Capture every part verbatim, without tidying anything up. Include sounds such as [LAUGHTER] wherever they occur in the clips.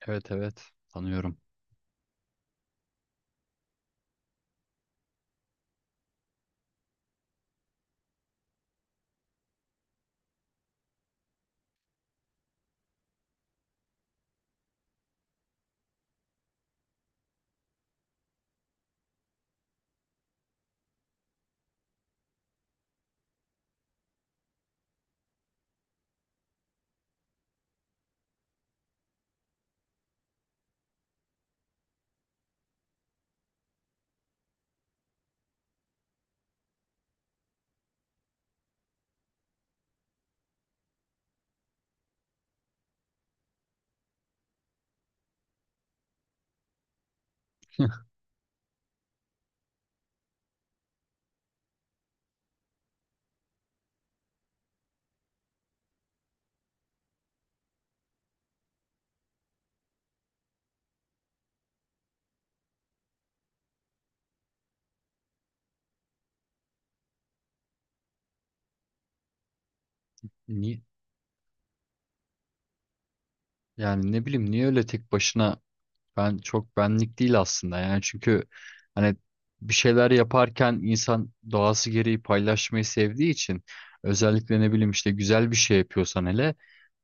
Evet, evet, tanıyorum. [LAUGHS] Ni Yani ne bileyim niye öyle tek başına ben çok benlik değil aslında yani çünkü hani bir şeyler yaparken insan doğası gereği paylaşmayı sevdiği için özellikle ne bileyim işte güzel bir şey yapıyorsan hele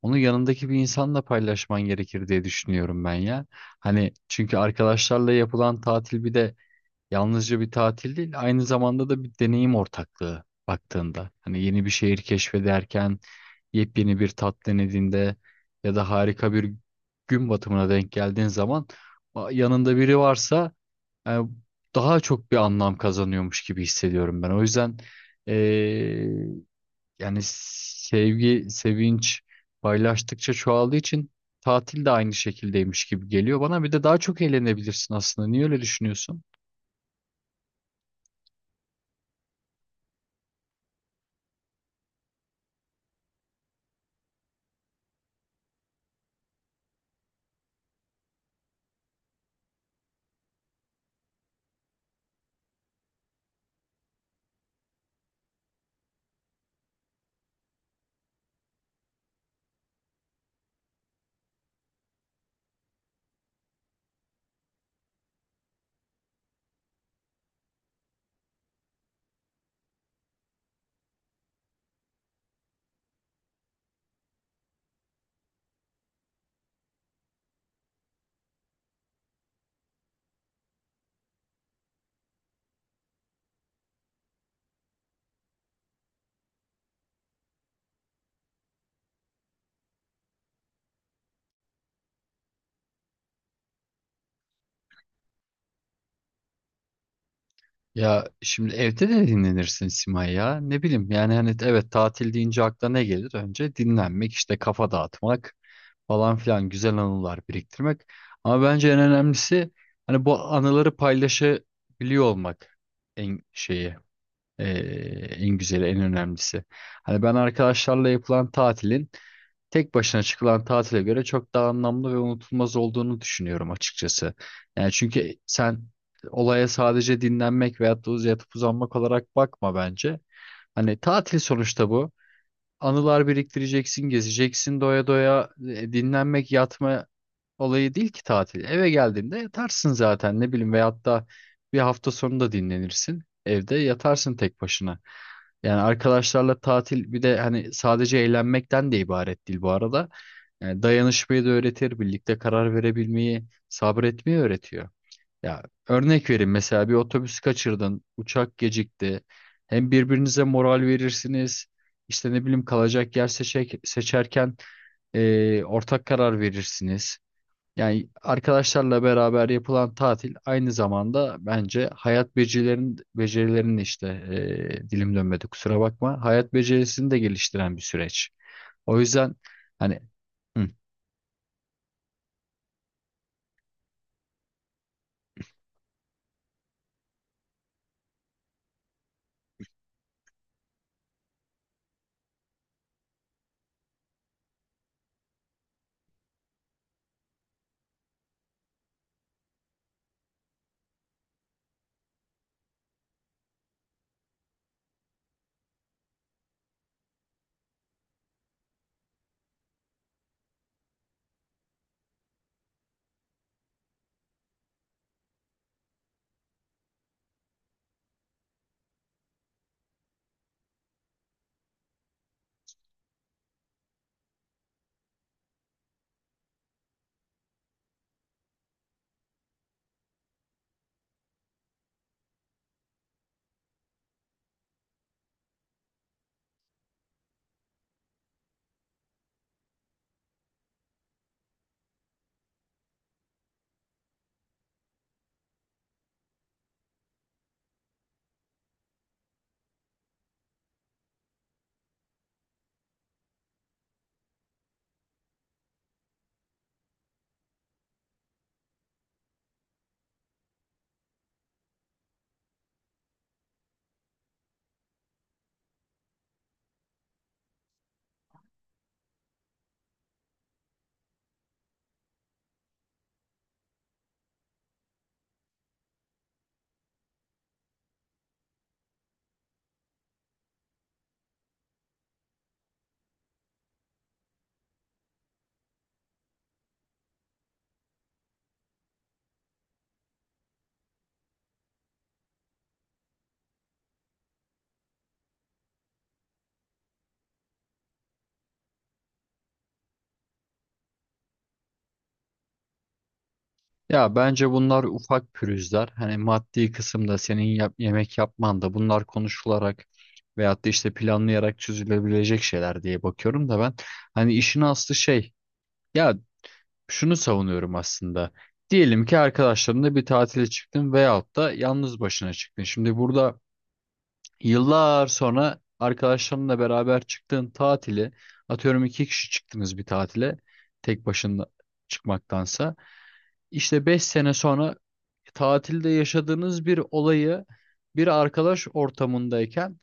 onu yanındaki bir insanla paylaşman gerekir diye düşünüyorum ben ya. Hani çünkü arkadaşlarla yapılan tatil bir de yalnızca bir tatil değil, aynı zamanda da bir deneyim ortaklığı baktığında. Hani yeni bir şehir keşfederken, yepyeni bir tat denediğinde ya da harika bir gün batımına denk geldiğin zaman a- yanında biri varsa e, daha çok bir anlam kazanıyormuş gibi hissediyorum ben. O yüzden e, yani sevgi, sevinç paylaştıkça çoğaldığı için tatil de aynı şekildeymiş gibi geliyor bana. Bir de daha çok eğlenebilirsin aslında. Niye öyle düşünüyorsun? Ya şimdi evde de dinlenirsin Simay ya. Ne bileyim yani hani evet tatil deyince akla ne gelir? Önce dinlenmek işte kafa dağıtmak falan filan güzel anılar biriktirmek. Ama bence en önemlisi hani bu anıları paylaşabiliyor olmak en şeyi eee, en güzeli en önemlisi. Hani ben arkadaşlarla yapılan tatilin tek başına çıkılan tatile göre çok daha anlamlı ve unutulmaz olduğunu düşünüyorum açıkçası. Yani çünkü sen olaya sadece dinlenmek veyahut da uz- yatıp uzanmak olarak bakma bence. Hani tatil sonuçta bu. Anılar biriktireceksin, gezeceksin doya doya. E, Dinlenmek, yatma olayı değil ki tatil. Eve geldiğinde yatarsın zaten ne bileyim veyahut da bir hafta sonu da dinlenirsin. Evde yatarsın tek başına. Yani arkadaşlarla tatil bir de hani sadece eğlenmekten de ibaret değil bu arada. Yani dayanışmayı da öğretir, birlikte karar verebilmeyi, sabretmeyi öğretiyor. Ya örnek vereyim mesela bir otobüs kaçırdın, uçak gecikti. Hem birbirinize moral verirsiniz. İşte ne bileyim kalacak yer seçek, seçerken e, ortak karar verirsiniz. Yani arkadaşlarla beraber yapılan tatil aynı zamanda bence hayat becerilerin becerilerin işte e, dilim dönmedi kusura bakma. Hayat becerisini de geliştiren bir süreç. O yüzden hani hı. Ya bence bunlar ufak pürüzler. Hani maddi kısımda senin yap- yemek yapman da bunlar konuşularak veyahut da işte planlayarak çözülebilecek şeyler diye bakıyorum da ben hani işin aslı şey ya şunu savunuyorum aslında. Diyelim ki arkadaşlarınla bir tatile çıktın veyahut da yalnız başına çıktın. Şimdi burada yıllar sonra arkadaşlarınla beraber çıktığın tatili atıyorum iki kişi çıktınız bir tatile tek başına çıkmaktansa. İşte beş sene sonra tatilde yaşadığınız bir olayı bir arkadaş ortamındayken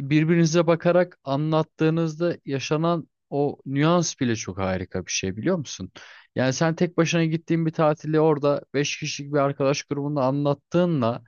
birbirinize bakarak anlattığınızda yaşanan o nüans bile çok harika bir şey biliyor musun? Yani sen tek başına gittiğin bir tatili orada beş kişilik bir arkadaş grubunda anlattığınla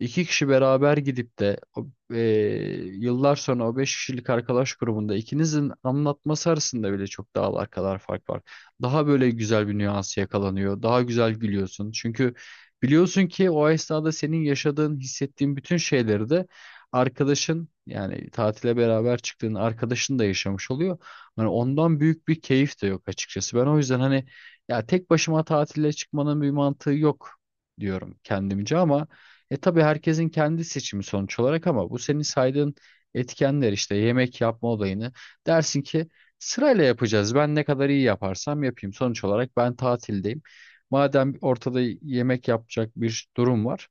iki kişi beraber gidip de o, e, yıllar sonra o beş kişilik arkadaş grubunda ikinizin anlatması arasında bile çok dağlar kadar fark var. Daha böyle güzel bir nüans yakalanıyor. Daha güzel gülüyorsun. Çünkü biliyorsun ki o esnada senin yaşadığın, hissettiğin bütün şeyleri de arkadaşın yani tatile beraber çıktığın arkadaşın da yaşamış oluyor. Hani ondan büyük bir keyif de yok açıkçası. Ben o yüzden hani ya tek başıma tatile çıkmanın bir mantığı yok diyorum kendimce ama e tabii herkesin kendi seçimi sonuç olarak ama bu senin saydığın etkenler işte yemek yapma olayını dersin ki sırayla yapacağız. Ben ne kadar iyi yaparsam yapayım. Sonuç olarak ben tatildeyim. Madem ortada yemek yapacak bir durum var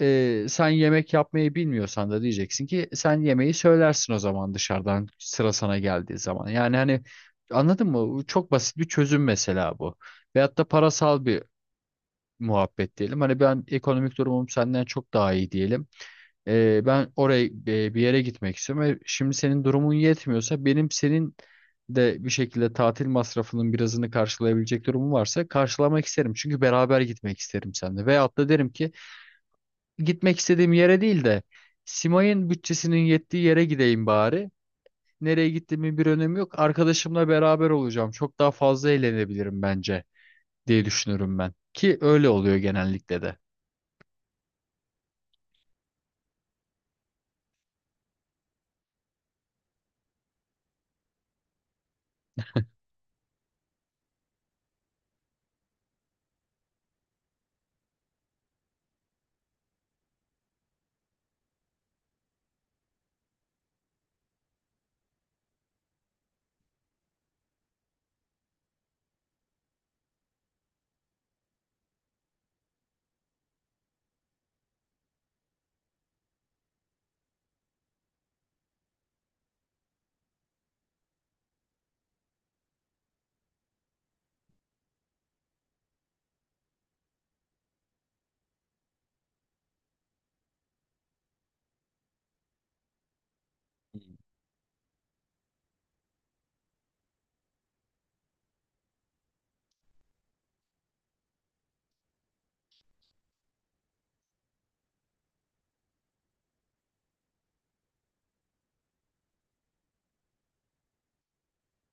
e, sen yemek yapmayı bilmiyorsan da diyeceksin ki sen yemeği söylersin o zaman dışarıdan sıra sana geldiği zaman. Yani hani anladın mı? Bu çok basit bir çözüm mesela bu. Veyahut da parasal bir muhabbet diyelim. Hani ben ekonomik durumum senden çok daha iyi diyelim. E, ben oraya e, bir yere gitmek istiyorum ve şimdi senin durumun yetmiyorsa benim senin de bir şekilde tatil masrafının birazını karşılayabilecek durumum varsa karşılamak isterim. Çünkü beraber gitmek isterim seninle. Veyahut da derim ki gitmek istediğim yere değil de Simay'ın bütçesinin yettiği yere gideyim bari. Nereye gittiğimin bir önemi yok. Arkadaşımla beraber olacağım. Çok daha fazla eğlenebilirim bence diye düşünürüm ben. Ki öyle oluyor genellikle de.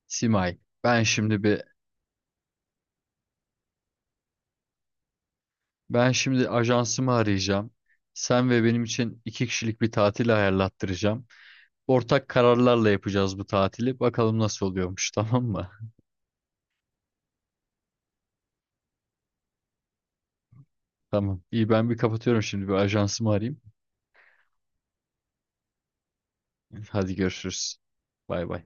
Simay, ben şimdi bir ben şimdi ajansımı arayacağım. Sen ve benim için iki kişilik bir tatil ayarlattıracağım. Ortak kararlarla yapacağız bu tatili. Bakalım nasıl oluyormuş, tamam mı? [LAUGHS] Tamam. İyi ben bir kapatıyorum şimdi bir ajansımı arayayım. Hadi görüşürüz. Bay bay.